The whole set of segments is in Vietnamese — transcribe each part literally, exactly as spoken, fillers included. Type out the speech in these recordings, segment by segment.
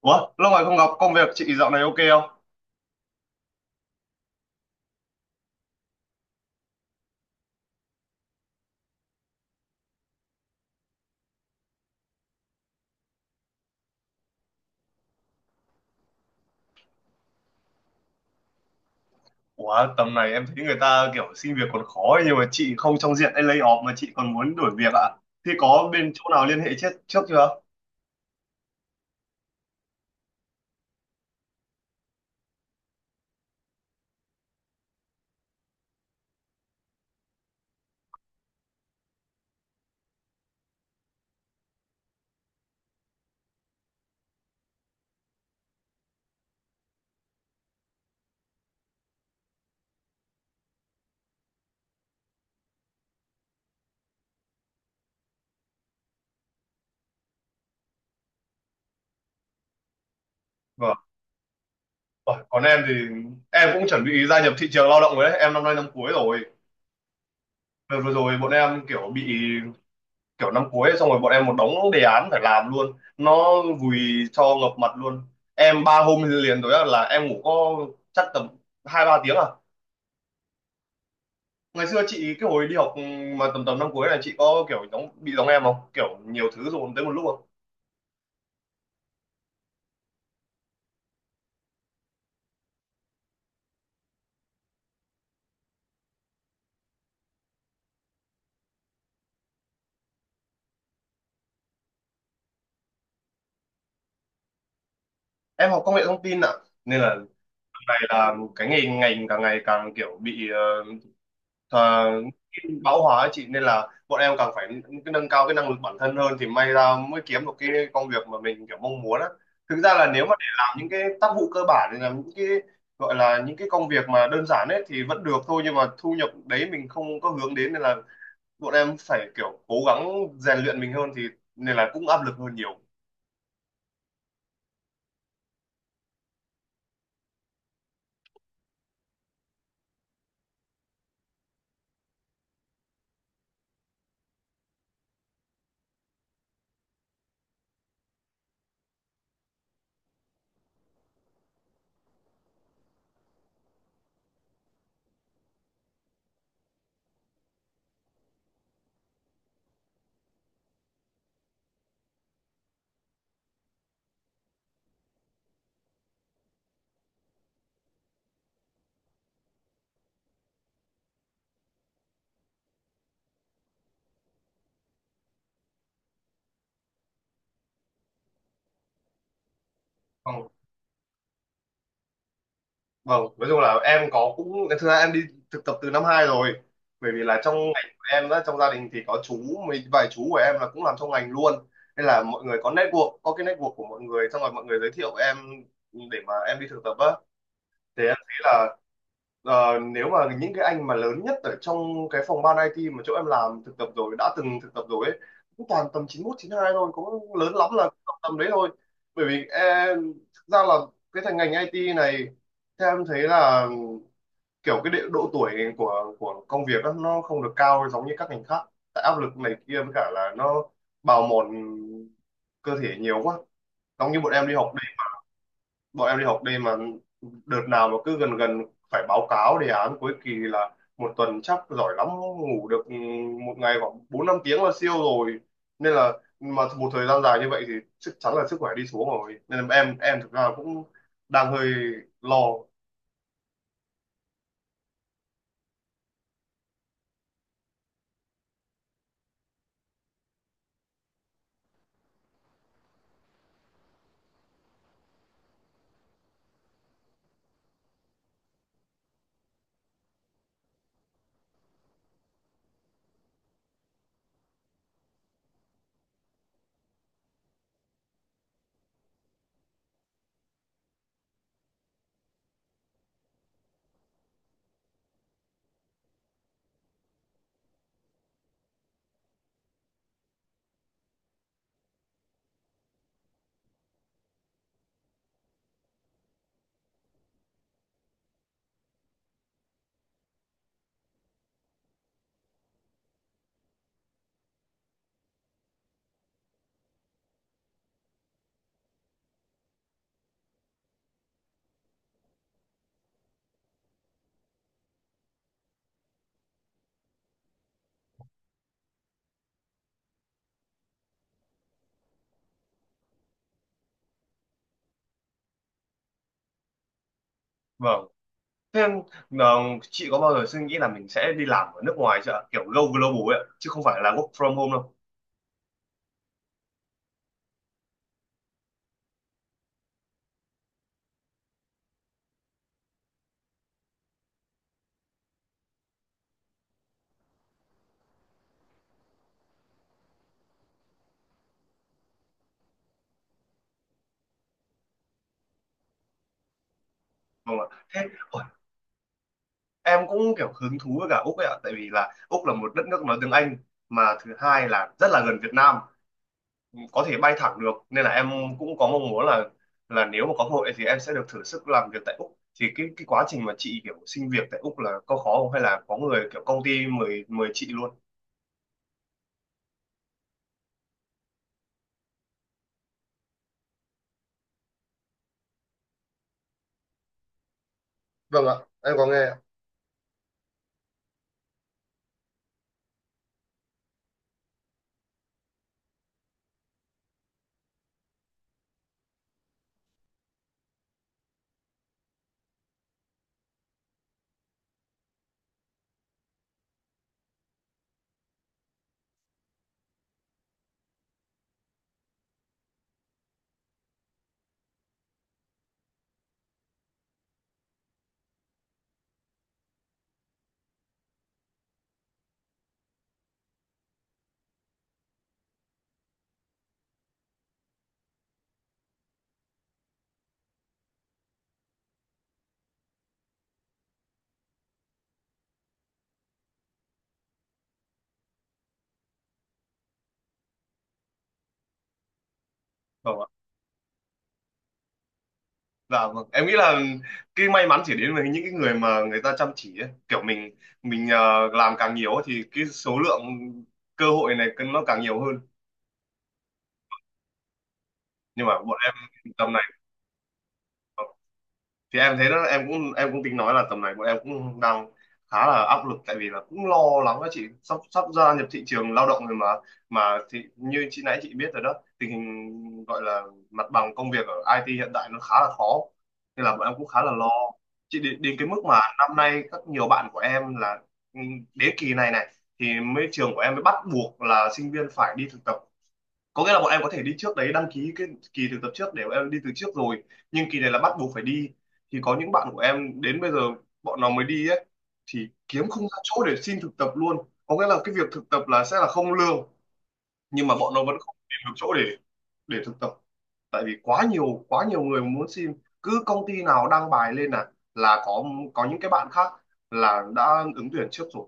Ủa, lâu ngày không gặp, công việc chị dạo này ok không? Ủa, tầm này em thấy người ta kiểu xin việc còn khó ấy, nhưng mà chị không trong diện lay off mà chị còn muốn đổi việc ạ. Thì có bên chỗ nào liên hệ trước, trước chưa? Vâng. Ủa, còn em thì em cũng chuẩn bị gia nhập thị trường lao động rồi đấy. Em năm nay năm cuối rồi. Đợt vừa rồi bọn em kiểu bị kiểu năm cuối ấy, xong rồi bọn em một đống đề án phải làm luôn. Nó vùi cho ngập mặt luôn. Em ba hôm liền tối là em ngủ có chắc tầm hai ba tiếng à, ngày xưa chị cái hồi đi học ừ, mà tầm tầm năm cuối này chị có kiểu giống bị giống em không, kiểu nhiều thứ dồn tới một lúc không? Em học công nghệ thông tin ạ, nên là tầm này là cái ngành ngành càng ngày càng kiểu bị ờ, thà- bão hòa ấy chị, nên là bọn em càng phải cái nâng cao cái năng lực bản thân hơn thì may ra mới kiếm được cái công việc mà mình kiểu mong muốn á. Thực ra là nếu mà để làm những cái tác vụ cơ bản thì làm những cái gọi là những cái công việc mà đơn giản ấy thì vẫn được thôi, nhưng mà thu nhập đấy mình không có hướng đến, nên là bọn em phải kiểu cố gắng rèn luyện mình hơn thì nên là cũng áp lực hơn nhiều. Vâng, vâng. Nói chung là em có cũng thực ra em đi thực tập từ năm hai rồi, bởi vì là trong ngành của em á, trong gia đình thì có chú mấy vài chú của em là cũng làm trong ngành luôn, nên là mọi người có network có cái network của mọi người, xong rồi mọi người giới thiệu em để mà em đi thực tập á. Thì em thấy là Ờ, nếu mà những cái anh mà lớn nhất ở trong cái phòng ban i tê mà chỗ em làm thực tập rồi đã từng thực tập rồi ấy, cũng toàn tầm chín mốt chín hai thôi, cũng lớn lắm là tầm, tầm đấy thôi. Bởi vì em thực ra là cái thành ngành i tê này, theo em thấy là kiểu cái địa- độ tuổi của của công việc á, nó không được cao giống như các ngành khác, tại áp lực này kia với cả là nó bào mòn cơ thể nhiều quá. Giống như bọn em đi học bọn em đi học đêm mà, đợt nào mà cứ gần gần phải báo cáo đề án cuối kỳ là một tuần chắc giỏi lắm ngủ được một ngày khoảng bốn năm tiếng là siêu rồi, nên là mà một thời gian dài như vậy thì chắc chắn là sức khỏe đi xuống rồi, nên là em em thực ra cũng đang hơi lo. Vâng, thế em, ờ, chị có bao giờ suy nghĩ là mình sẽ đi làm ở nước ngoài chưa ạ? Kiểu go global ấy ạ, chứ không phải là work from home đâu. Vâng ạ, thế em cũng kiểu hứng thú với cả Úc ấy ạ, tại vì là Úc là một đất nước nói tiếng Anh, mà thứ hai là rất là gần Việt Nam, có thể bay thẳng được, nên là em cũng có mong muốn là là nếu mà có cơ hội thì em sẽ được thử sức làm việc tại Úc. Thì cái cái quá trình mà chị kiểu xin việc tại Úc là có khó không, hay là có người kiểu công ty mời mời chị luôn? Vâng ạ, em có nghe ạ. Vâng ạ. Dạ vâng. Em nghĩ là cái may mắn chỉ đến với những cái người mà người ta chăm chỉ ấy. Kiểu mình, mình ờ, làm càng nhiều ấy thì cái số lượng cơ hội này nó càng nhiều hơn. Nhưng mà bọn em tầm này thì em thấy đó, em cũng em cũng tính nói là tầm này bọn em cũng đang khá là áp lực, tại vì là cũng lo lắng đó chị, sắp sắp gia nhập thị trường lao động rồi mà mà thì như chị nãy chị biết rồi đó, tình hình gọi là mặt bằng công việc ở i tê hiện tại nó khá là khó, nên là bọn em cũng khá là lo chị. Đến, đến cái mức mà năm nay các nhiều bạn của em là ừ, đến kỳ này này thì mới trường của em mới bắt buộc là sinh viên phải đi thực tập, có nghĩa là bọn em có thể đi trước đấy đăng ký cái kỳ thực tập trước để bọn em đi từ trước rồi, nhưng kỳ này là bắt buộc phải đi. Thì có những bạn của em đến bây giờ bọn nó mới đi ấy, thì kiếm không ra chỗ để xin thực tập luôn. Có nghĩa là cái việc thực tập là sẽ là không lương, nhưng mà bọn nó vẫn không tìm được chỗ để để thực tập, tại vì quá nhiều quá nhiều người muốn xin, cứ công ty nào đăng bài lên là là có có những cái bạn khác là đã ứng tuyển trước rồi.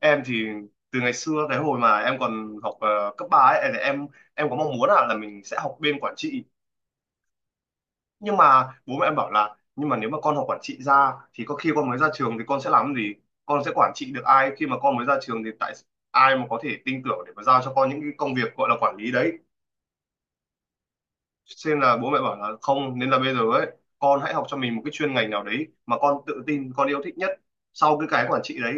Em thì từ ngày xưa cái hồi mà em còn học ờ, cấp ba ấy thì em em có mong muốn là, là mình sẽ học bên quản trị, nhưng mà bố mẹ em bảo là nhưng mà nếu mà con học quản trị ra thì có khi con mới ra trường thì con sẽ làm cái gì, con sẽ quản trị được ai khi mà con mới ra trường, thì tại ai mà có thể tin tưởng để mà giao cho con những cái công việc gọi là quản lý đấy. Xem là bố mẹ bảo là không, nên là bây giờ ấy con hãy học cho mình một cái chuyên ngành nào đấy mà con tự tin con yêu thích nhất, sau cái cái quản trị đấy,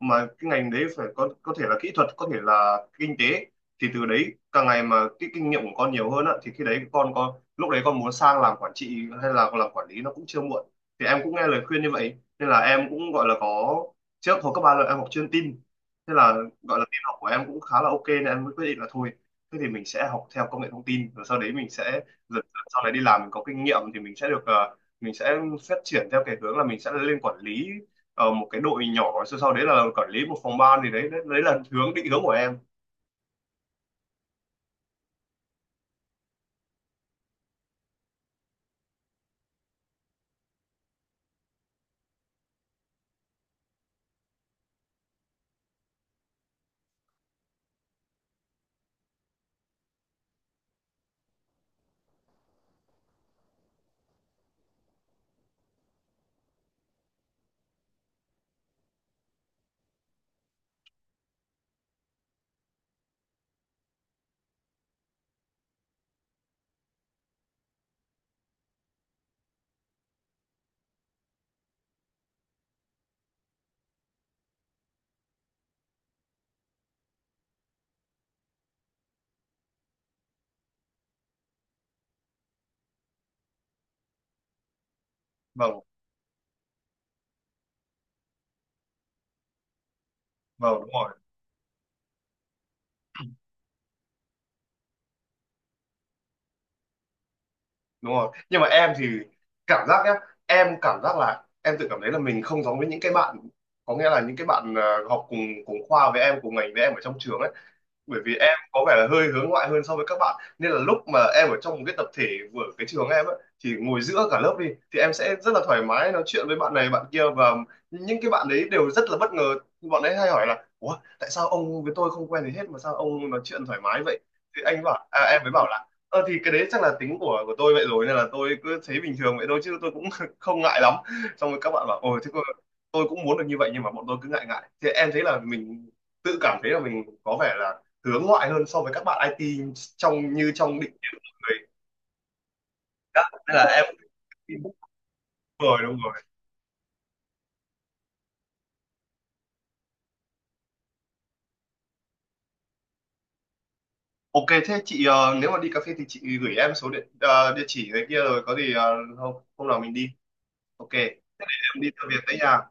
mà cái ngành đấy phải có có thể là kỹ thuật, có thể là kinh tế, thì từ đấy càng ngày mà cái kinh nghiệm của con nhiều hơn á thì khi đấy con con lúc đấy con muốn sang làm quản trị hay là làm quản lý nó cũng chưa muộn. Thì em cũng nghe lời khuyên như vậy, nên là em cũng gọi là có, trước hồi cấp ba là em học chuyên tin, thế là gọi là tin học của em cũng khá là ok, nên em mới quyết định là thôi thế thì mình sẽ học theo công nghệ thông tin, rồi sau đấy mình sẽ dần dần sau này đi làm mình có kinh nghiệm thì mình sẽ được, ờ, mình sẽ phát triển theo cái hướng là mình sẽ lên quản lý ờ, một cái đội nhỏ, sau sau đấy là quản lý một phòng ban, thì đấy đấy, đấy là hướng định hướng của em. Vâng, vâng. Đúng rồi, đúng rồi, nhưng mà em thì cảm giác nhá, em cảm giác là em tự cảm thấy là mình không giống với những cái bạn, có nghĩa là những cái bạn ờ, học cùng cùng khoa với em cùng ngành với em ở trong trường ấy, bởi vì em có vẻ là hơi hướng ngoại hơn so với các bạn, nên là lúc mà em ở trong một cái tập thể của cái trường em ấy, thì ngồi giữa cả lớp đi thì em sẽ rất là thoải mái nói chuyện với bạn này bạn kia, và những cái bạn đấy đều rất là bất ngờ, bọn ấy hay hỏi là ủa tại sao ông với tôi không quen gì hết mà sao ông nói chuyện thoải mái vậy, thì anh bảo à, em mới bảo là ờ thì cái đấy chắc là tính của của tôi vậy rồi, nên là tôi cứ thấy bình thường vậy thôi chứ tôi cũng không ngại lắm. Xong rồi các bạn bảo ồ thế cô- tôi cũng muốn được như vậy nhưng mà bọn tôi cứ ngại ngại, thì em thấy là mình tự cảm thấy là mình có vẻ là hướng ngoại hơn so với các bạn i tê, trong như trong định kiến của người. Đó, nên là em. Đúng rồi, đúng rồi. Ok thế chị, ờ, nếu mà đi cà phê thì chị gửi em số điện ờ, địa chỉ cái kia, rồi có gì ờ, hôm hôm nào mình đi. Ok em đi theo việc đấy nha. Ok,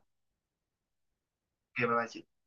bye bye chị.